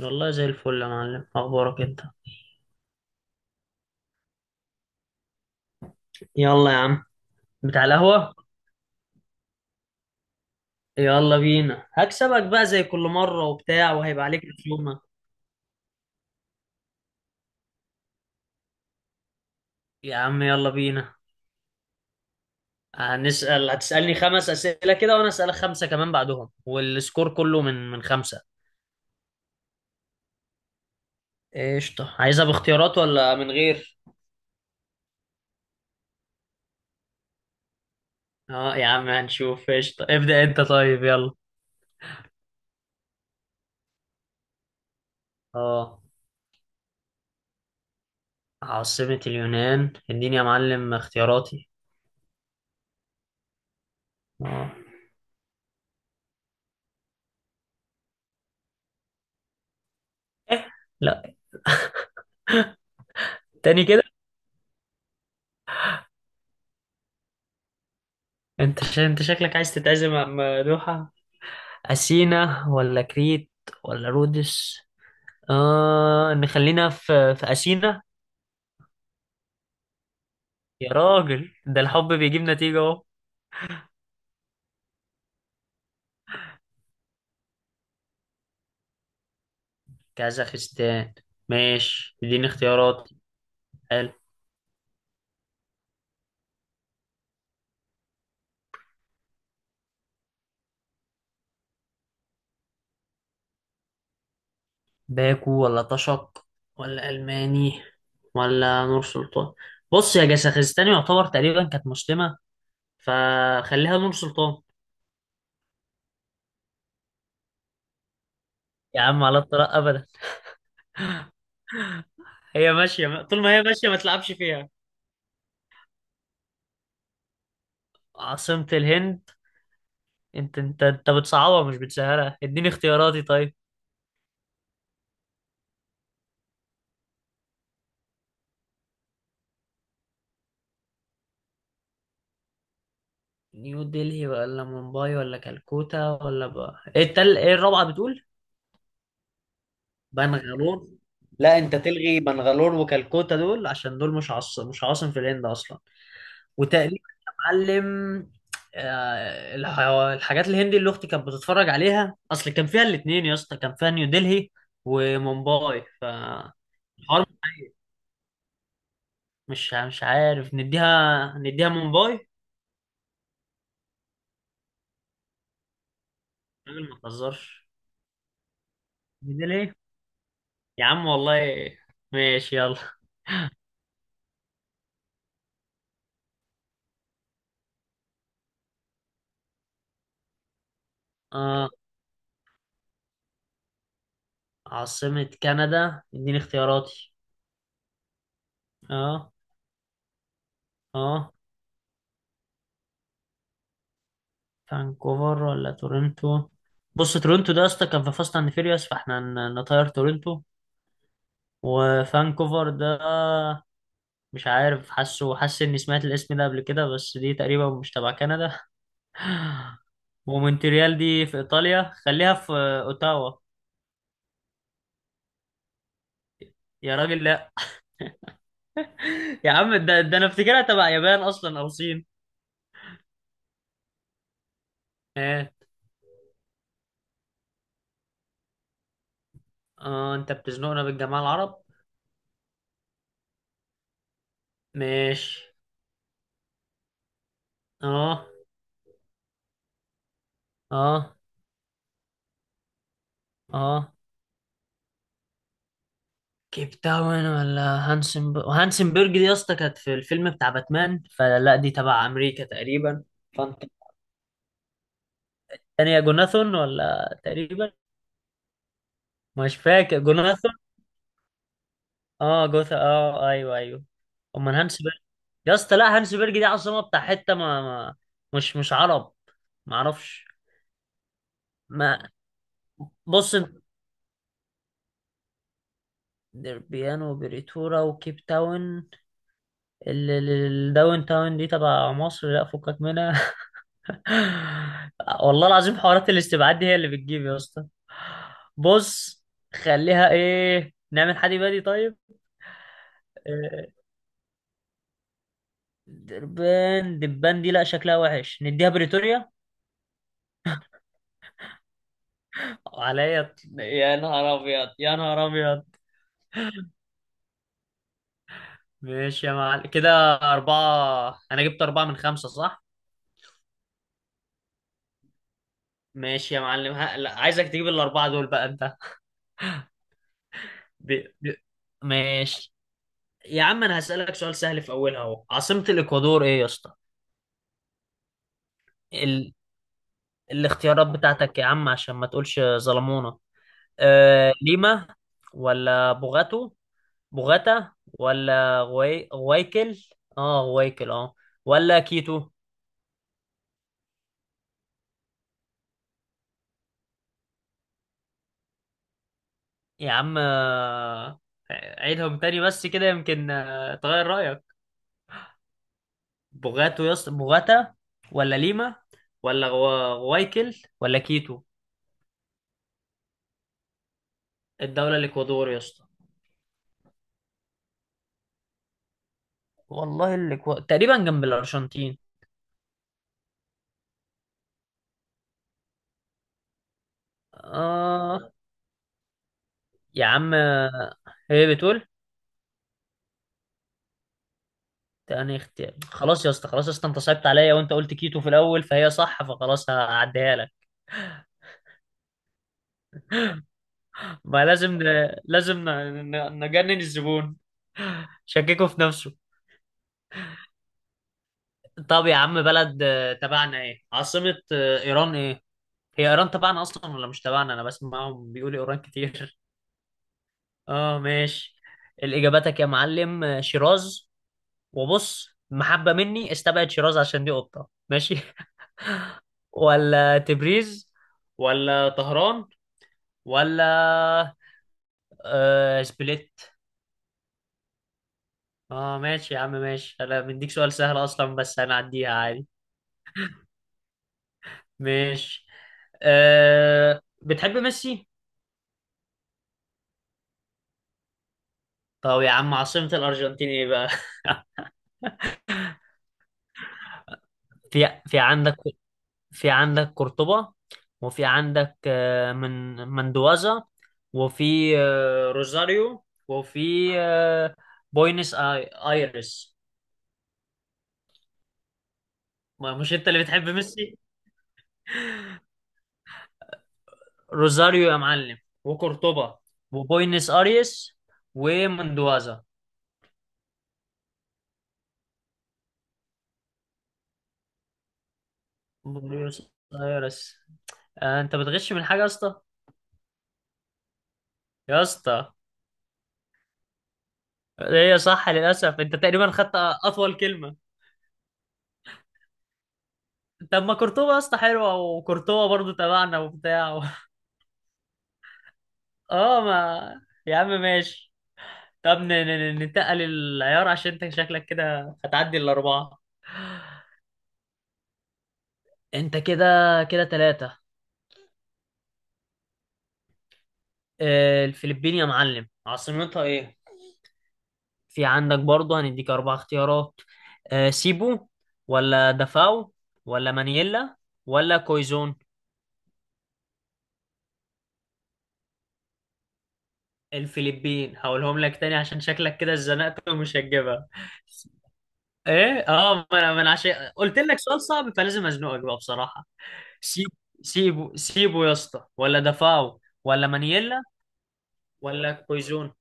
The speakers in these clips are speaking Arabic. والله زي الفل يا معلم، اخبارك انت؟ يلا يا عم. بتاع القهوة. يلا بينا هكسبك بقى زي كل مرة وبتاع، وهيبقى عليك رسومة. يا عم يلا بينا. هنسأل، هتسألني خمس أسئلة كده، وانا أسألك خمسة كمان بعدهم، والسكور كله من خمسة. قشطة، عايزها باختيارات ولا من غير؟ اه يا عم هنشوف. قشطة، ابدأ انت طيب يلا. اه. عاصمة اليونان، اديني يا معلم اختياراتي. اه. لا. تاني كده. انت شكلك عايز تتعزم عم دوحة. أثينا ولا كريت ولا رودس؟ نخلينا في أثينا. يا راجل، ده الحب بيجيب نتيجة اهو. كازاخستان. ماشي، اديني اختيارات. حلو. باكو ولا طشق ولا ألماني ولا نور سلطان؟ بص، يا كازاخستان يعتبر تقريبا كانت مسلمة، فخليها نور سلطان. يا عم على الطلاق أبدا. هي ماشية، طول ما هي ماشية ما تلعبش فيها. عاصمة الهند. انت بتصعبها مش بتسهلها، اديني اختياراتي طيب. نيو دلهي ولا مومباي ولا كالكوتا، ولا بقى ايه ايه الرابعة بتقول؟ بنغالور. لا، انت تلغي بنغالور وكالكوتا، دول عشان دول مش عاصم في الهند اصلا. وتقريبا، يا معلم، آه، الح... الحاجات الهندي اللي اختي كانت بتتفرج عليها، اصل كان فيها الاتنين يا اسطى، كان فيها نيو دلهي ومومباي فالحوار. مش عارف، نديها مومباي. راجل ما تهزرش. نزل ايه؟ يا عم والله. ماشي يلا. اه، عاصمة كندا، اديني اختياراتي. اه. اه. فانكوفر ولا تورنتو؟ بص، تورنتو ده يا اسطى كان في فاست اند فيريوس، فاحنا نطير تورنتو. وفانكوفر ده مش عارف، حاسس اني سمعت الاسم ده قبل كده، بس دي تقريبا مش تبع كندا. ومونتريال دي في ايطاليا. خليها في اوتاوا. يا راجل لا. يا عم ده, ده انا افتكرها تبع يابان اصلا او صين. آه. اه، انت بتزنقنا بالجماعة العرب. ماشي. اه. اه. اه. كيب تاون ولا هانسنبرج دي يا اسطى كانت في الفيلم بتاع باتمان، فلا دي تبع امريكا تقريبا. فانت، الثانية جوناثون ولا تقريبا. مش فاكر، جوناثون. اه جوثا، اه ايوه ايوه. امال هانسنبرج؟ يا اسطى لا، هانسنبرج دي عاصمة بتاع حتة ما مش عرب، ما اعرفش. ما بص دربيان وبريتورا وكيب تاون. الداون تاون دي تبع مصر، لا فكك منها. والله العظيم، حوارات الاستبعاد دي هي اللي بتجيب يا اسطى. بص، خليها ايه، نعمل حدي بادي طيب. آه، دبان دي لا شكلها وحش. نديها بريتوريا. عليا يا نهار ابيض، يا نهار ابيض. ماشي يا معلم كده. أربعة، أنا جبت أربعة من خمسة صح؟ ماشي يا معلم. لا عايزك تجيب الأربعة دول بقى أنت. ب... ب... ماشي. يا عم انا هسألك سؤال سهل في اولها اهو، عاصمة الاكوادور ايه يا اسطى؟ ال... الاختيارات بتاعتك يا عم عشان ما تقولش ظلمونا. ليما، ولا بوغاتا، ولا غويكل، اه غويكل اه، ولا كيتو. يا عم عيدهم تاني بس كده يمكن تغير رأيك. يا اسطى، بوغاتا ولا ليما، ولا غويكل، ولا كيتو. الدولة الاكوادور يا اسطى. والله تقريبا جنب الأرجنتين. آه. يا عم هي بتقول. تاني اختيار، خلاص يا اسطى، خلاص يا اسطى، انت صعبت عليا وانت قلت كيتو في الأول فهي صح، فخلاص هعديها لك. ما لازم لازم نجنن الزبون، شككه في نفسه. طب يا عم، بلد تبعنا، ايه عاصمة إيران ايه؟ هي إيران تبعنا أصلا ولا مش تبعنا؟ أنا بسمعهم بيقولوا إيران كتير. اه ماشي. الإجاباتك يا معلم، شيراز. وبص محبة مني استبعد شيراز عشان دي قطة، ماشي. ولا تبريز، ولا طهران، ولا آه سبليت. اه ماشي يا عم، ماشي انا بديك سؤال سهل اصلا بس هنعديها عادي. ماشي. آه بتحب ميسي؟ طب يا عم عاصمة الأرجنتين ايه بقى؟ في في عندك قرطبة، وفي عندك من مندوازا، وفي روزاريو، وفي بوينس آي ايرس. ما مش انت اللي بتحب ميسي؟ روزاريو يا معلم، وقرطبة، وبوينس ايرس، ومندوازا. بوينس ايرس. انت بتغش من حاجة يا اسطى؟ يا اسطى، هي صح للأسف. انت تقريبا خدت أطول كلمة. طب ما قرطبة يا اسطى حلوة، وقرطبة برضو تبعنا وبتاع. اه ما يا عم ماشي. طب ننتقل العيار، عشان انت شكلك كده هتعدي الاربعه. انت كده، كده ثلاثه. الفلبين يا معلم عاصمتها ايه؟ في عندك برضه هنديك اربع اختيارات. سيبو، ولا دافاو، ولا مانيلا، ولا كويزون. الفلبين. هقولهم لك تاني عشان شكلك كده اتزنقت ومش هتجيبها. ايه اه، ما انا عشان قلت لك سؤال صعب فلازم ازنقك بقى بصراحه. سيب سيبو يا اسطى، ولا دفاعه، ولا مانييلا، ولا كويزون.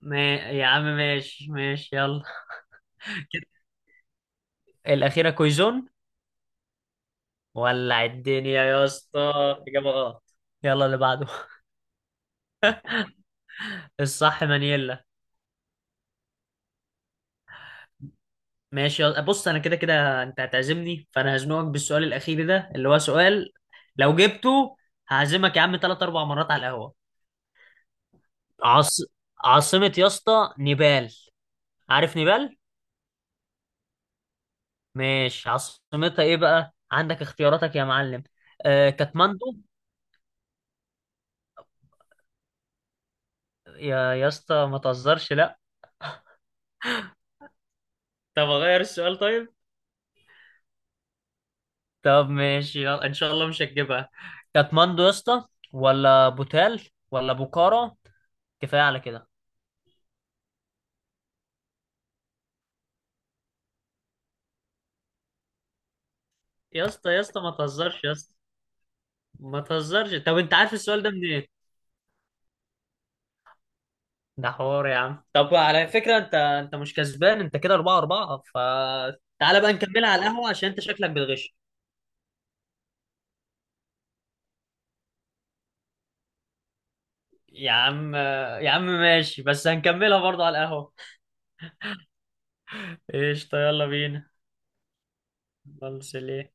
ما يا عم ماشي، ماشي يلا. كده، الأخيرة كويزون. ولع الدنيا يا اسطى. إجابة غلط. يلا اللي بعده. الصح مانييلا. ماشي يلا. بص أنا كده كده أنت هتعزمني، فأنا هزنقك بالسؤال الأخير ده اللي هو سؤال، لو جبته هعزمك يا عم تلات أربع مرات على القهوة. عاص... عاصمة يا اسطى نيبال، عارف نيبال؟ ماشي عاصمتها ايه بقى، عندك اختياراتك يا معلم. آه كاتماندو. يا اسطى ما تهزرش لا. طب اغير السؤال طيب؟ طب ماشي يلا، ان شاء الله مش هتجيبها. كاتماندو يا اسطى، ولا بوتال، ولا بوكارا. كفايه على كده. يا اسطى يا اسطى ما تهزرش يا اسطى. ما تهزرش. طب انت عارف السؤال ده منين؟ ده حوار يا عم. طب على فكره، انت مش كسبان، انت كده 4-4، فتعالى بقى نكملها على القهوه عشان انت شكلك بتغش. يا عم، يا عم ماشي، بس هنكملها برضه على القهوة. ايش يلا بينا؟ خلص ليه؟